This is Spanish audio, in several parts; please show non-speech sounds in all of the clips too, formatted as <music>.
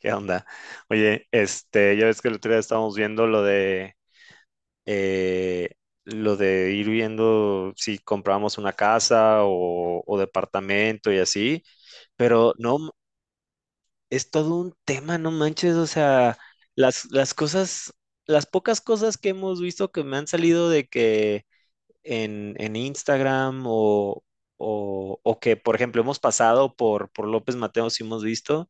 ¿Qué onda? Oye, este, ya ves que el otro día estábamos viendo eh, lo de ir viendo si compramos una casa o departamento y así, pero no, es todo un tema, no manches, o sea, las cosas, las pocas cosas que hemos visto que me han salido de que en Instagram o que, por ejemplo, hemos pasado por López Mateos y hemos visto,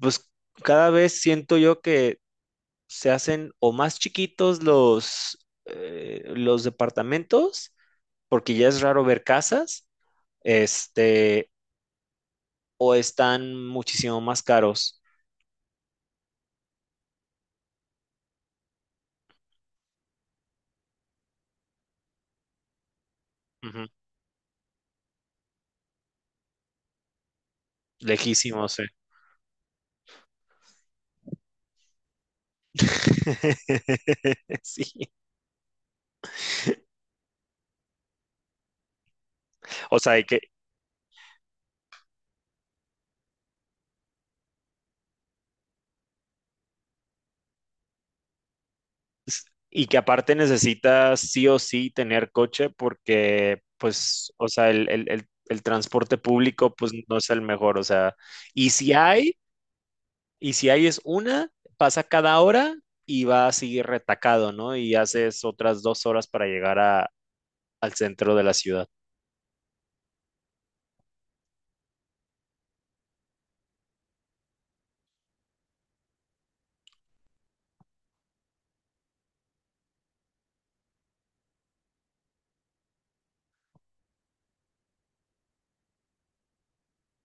pues cada vez siento yo que se hacen o más chiquitos los departamentos, porque ya es raro ver casas, este, o están muchísimo más caros. Ujú, lejísimos, eh. <laughs> Sí. O sea, y que aparte necesitas sí o sí tener coche porque, pues, o sea, el transporte público, pues, no es el mejor. O sea, y si hay, y si ahí es una, pasa cada hora y va así retacado, ¿no? Y haces otras dos horas para llegar a, al centro de la ciudad.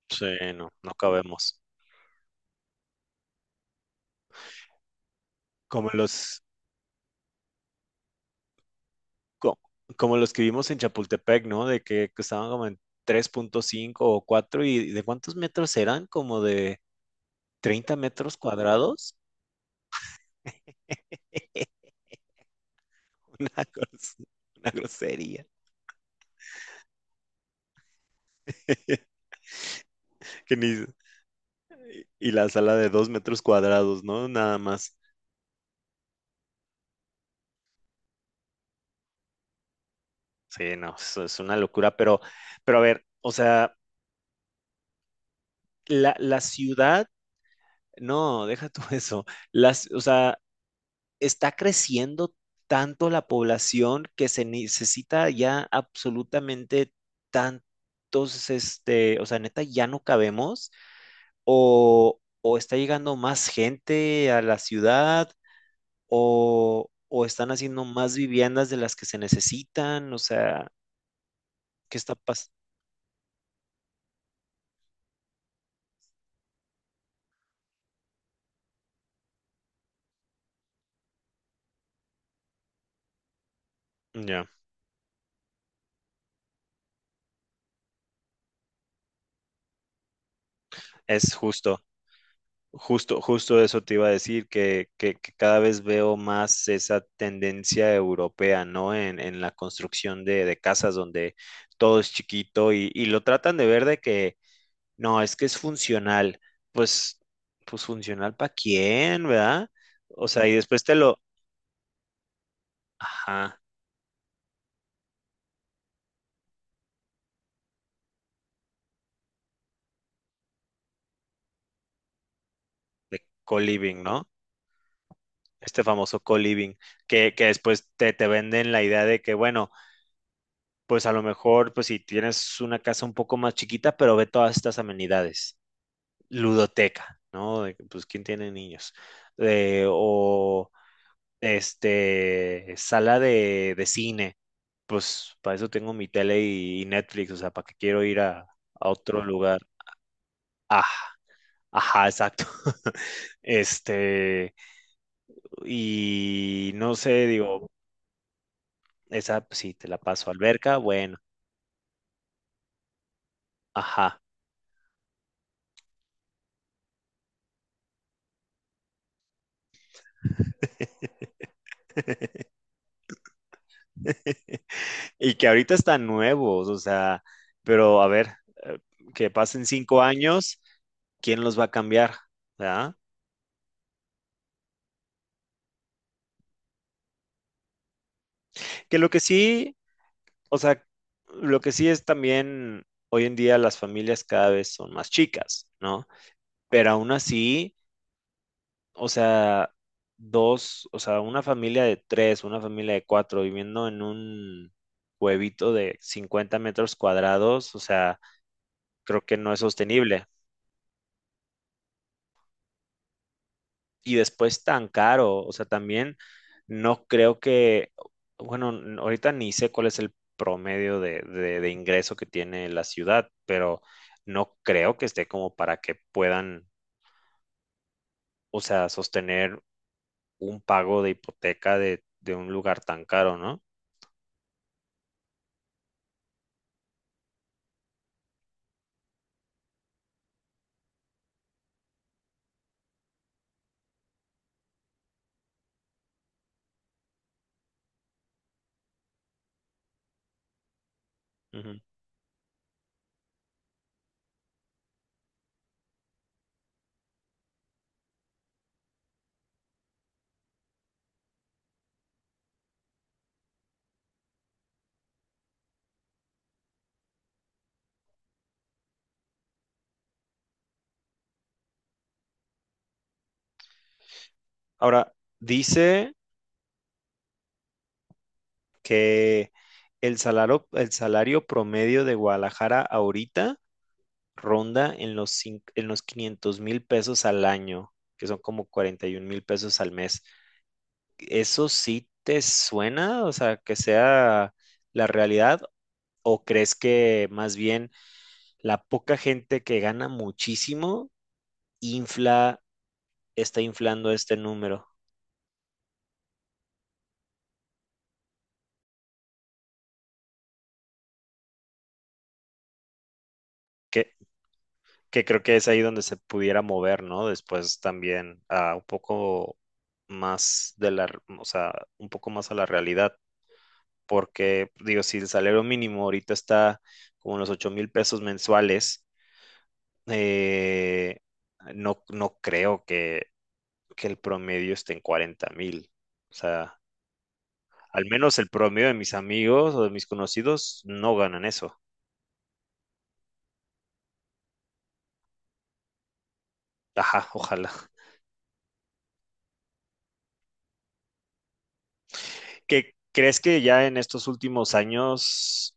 Sí, no, no cabemos. Como los, co- como, los que vimos en Chapultepec, ¿no? De que estaban como en 3.5 o 4 y ¿de cuántos metros eran? Como de 30 metros cuadrados. <laughs> Una, gros- una grosería. <laughs> Que ni- Y la sala de 2 metros cuadrados, ¿no? Nada más. Sí, no, eso es una locura, pero a ver, o sea, la ciudad, no, deja tú <laughs> eso, las, o sea, está creciendo tanto la población que se necesita ya absolutamente tantos, este, o sea, neta, ya no cabemos, o está llegando más gente a la ciudad, o, o están haciendo más viviendas de las que se necesitan, o sea, ¿qué está pasando? Ya, es justo. Justo, justo eso te iba a decir, que, que cada vez veo más esa tendencia europea, ¿no? En la construcción de casas donde todo es chiquito y lo tratan de ver de que, no, es que es funcional. Pues, pues funcional para quién, ¿verdad? O sea, y después te lo, ajá, de co-living, ¿no? Este famoso co-living, que después te, te venden la idea de que, bueno, pues a lo mejor, pues si tienes una casa un poco más chiquita, pero ve todas estas amenidades. Ludoteca, ¿no? De, pues, ¿quién tiene niños? O este, sala de cine, pues para eso tengo mi tele y Netflix, o sea, para qué quiero ir a otro lugar. Ah, ajá, exacto. <laughs> Este, y no sé, digo, esa pues, sí, te la paso. Alberca, bueno, ajá. <laughs> Y que ahorita están nuevos, o sea, pero a ver, eh, que pasen 5 años, ¿quién los va a cambiar? ¿Verdad? Que lo que sí, o sea, lo que sí es también, hoy en día las familias cada vez son más chicas, ¿no? Pero aún así, o sea, dos, o sea, una familia de tres, una familia de cuatro viviendo en un huevito de 50 metros cuadrados, o sea, creo que no es sostenible. Y después tan caro, o sea, también no creo que, bueno, ahorita ni sé cuál es el promedio de ingreso que tiene la ciudad, pero no creo que esté como para que puedan, o sea, sostener un pago de hipoteca de un lugar tan caro, ¿no? Ujú. Ahora, dice que el salario promedio de Guadalajara ahorita ronda en los 500,000 pesos al año, que son como 41 mil pesos al mes. ¿Eso sí te suena? O sea, que sea la realidad, o crees que más bien la poca gente que gana muchísimo infla, está inflando este número? Que, que creo que es ahí donde se pudiera mover, ¿no? Después también a un poco más de la, o sea, un poco más a la realidad. Porque digo, si el salario mínimo ahorita está como en los 8,000 pesos mensuales, eh, no creo que el promedio esté en 40,000. O sea, al menos el promedio de mis amigos o de mis conocidos no ganan eso. Ajá, ojalá. <laughs> ¿Qué crees que ya en estos últimos años,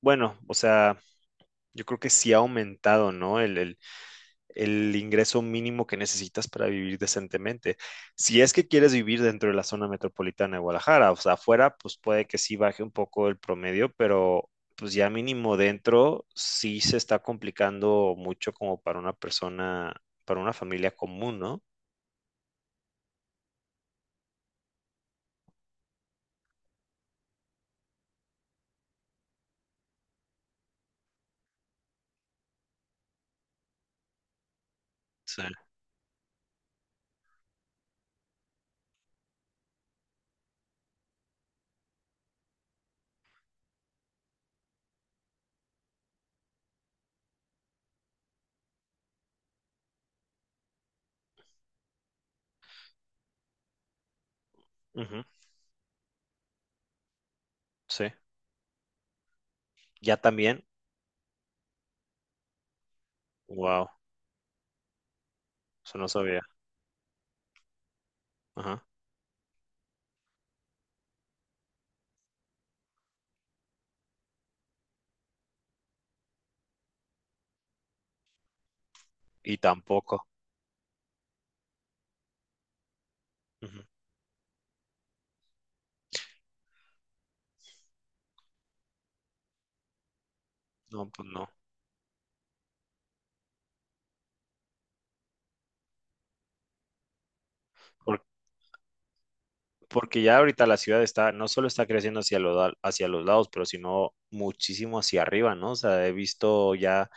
bueno, o sea, yo creo que sí ha aumentado, ¿no? El ingreso mínimo que necesitas para vivir decentemente. Si es que quieres vivir dentro de la zona metropolitana de Guadalajara, o sea, afuera, pues puede que sí baje un poco el promedio, pero pues ya mínimo dentro sí se está complicando mucho como para una persona, para una familia común, ¿no? Sí. Ujú, sí. Ya también, wow, eso no sabía. Ajá. Y tampoco. Ujú. No, pues no. Por- porque ya ahorita la ciudad está, no solo está creciendo hacia los lados, pero sino muchísimo hacia arriba, ¿no? O sea, he visto ya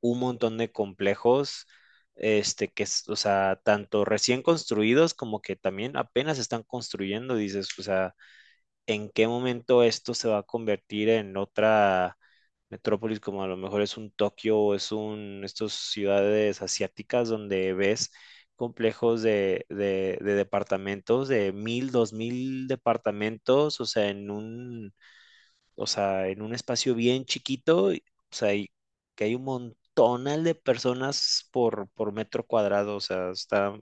un montón de complejos, este, que, o sea, tanto recién construidos como que también apenas están construyendo, dices, o sea, en qué momento esto se va a convertir en otra metrópolis, como a lo mejor es un Tokio o es un, estas ciudades asiáticas donde ves complejos de departamentos, de 1,000, 2,000 departamentos, o sea, en un, o sea, en un espacio bien chiquito, o sea, y que hay un montón de personas por metro cuadrado, o sea, está.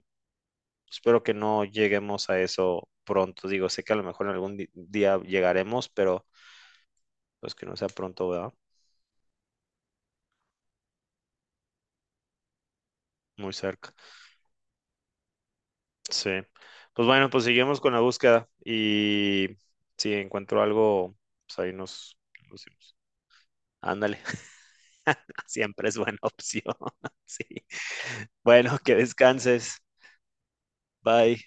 Espero que no lleguemos a eso pronto. Digo, sé que a lo mejor en algún día llegaremos, pero pues que no sea pronto, ¿verdad? Muy cerca. Sí. Pues bueno, pues seguimos con la búsqueda y si encuentro algo, pues ahí nos vemos. Ándale, <laughs> siempre es buena opción. <laughs> Sí. Bueno, que descanses. Bye.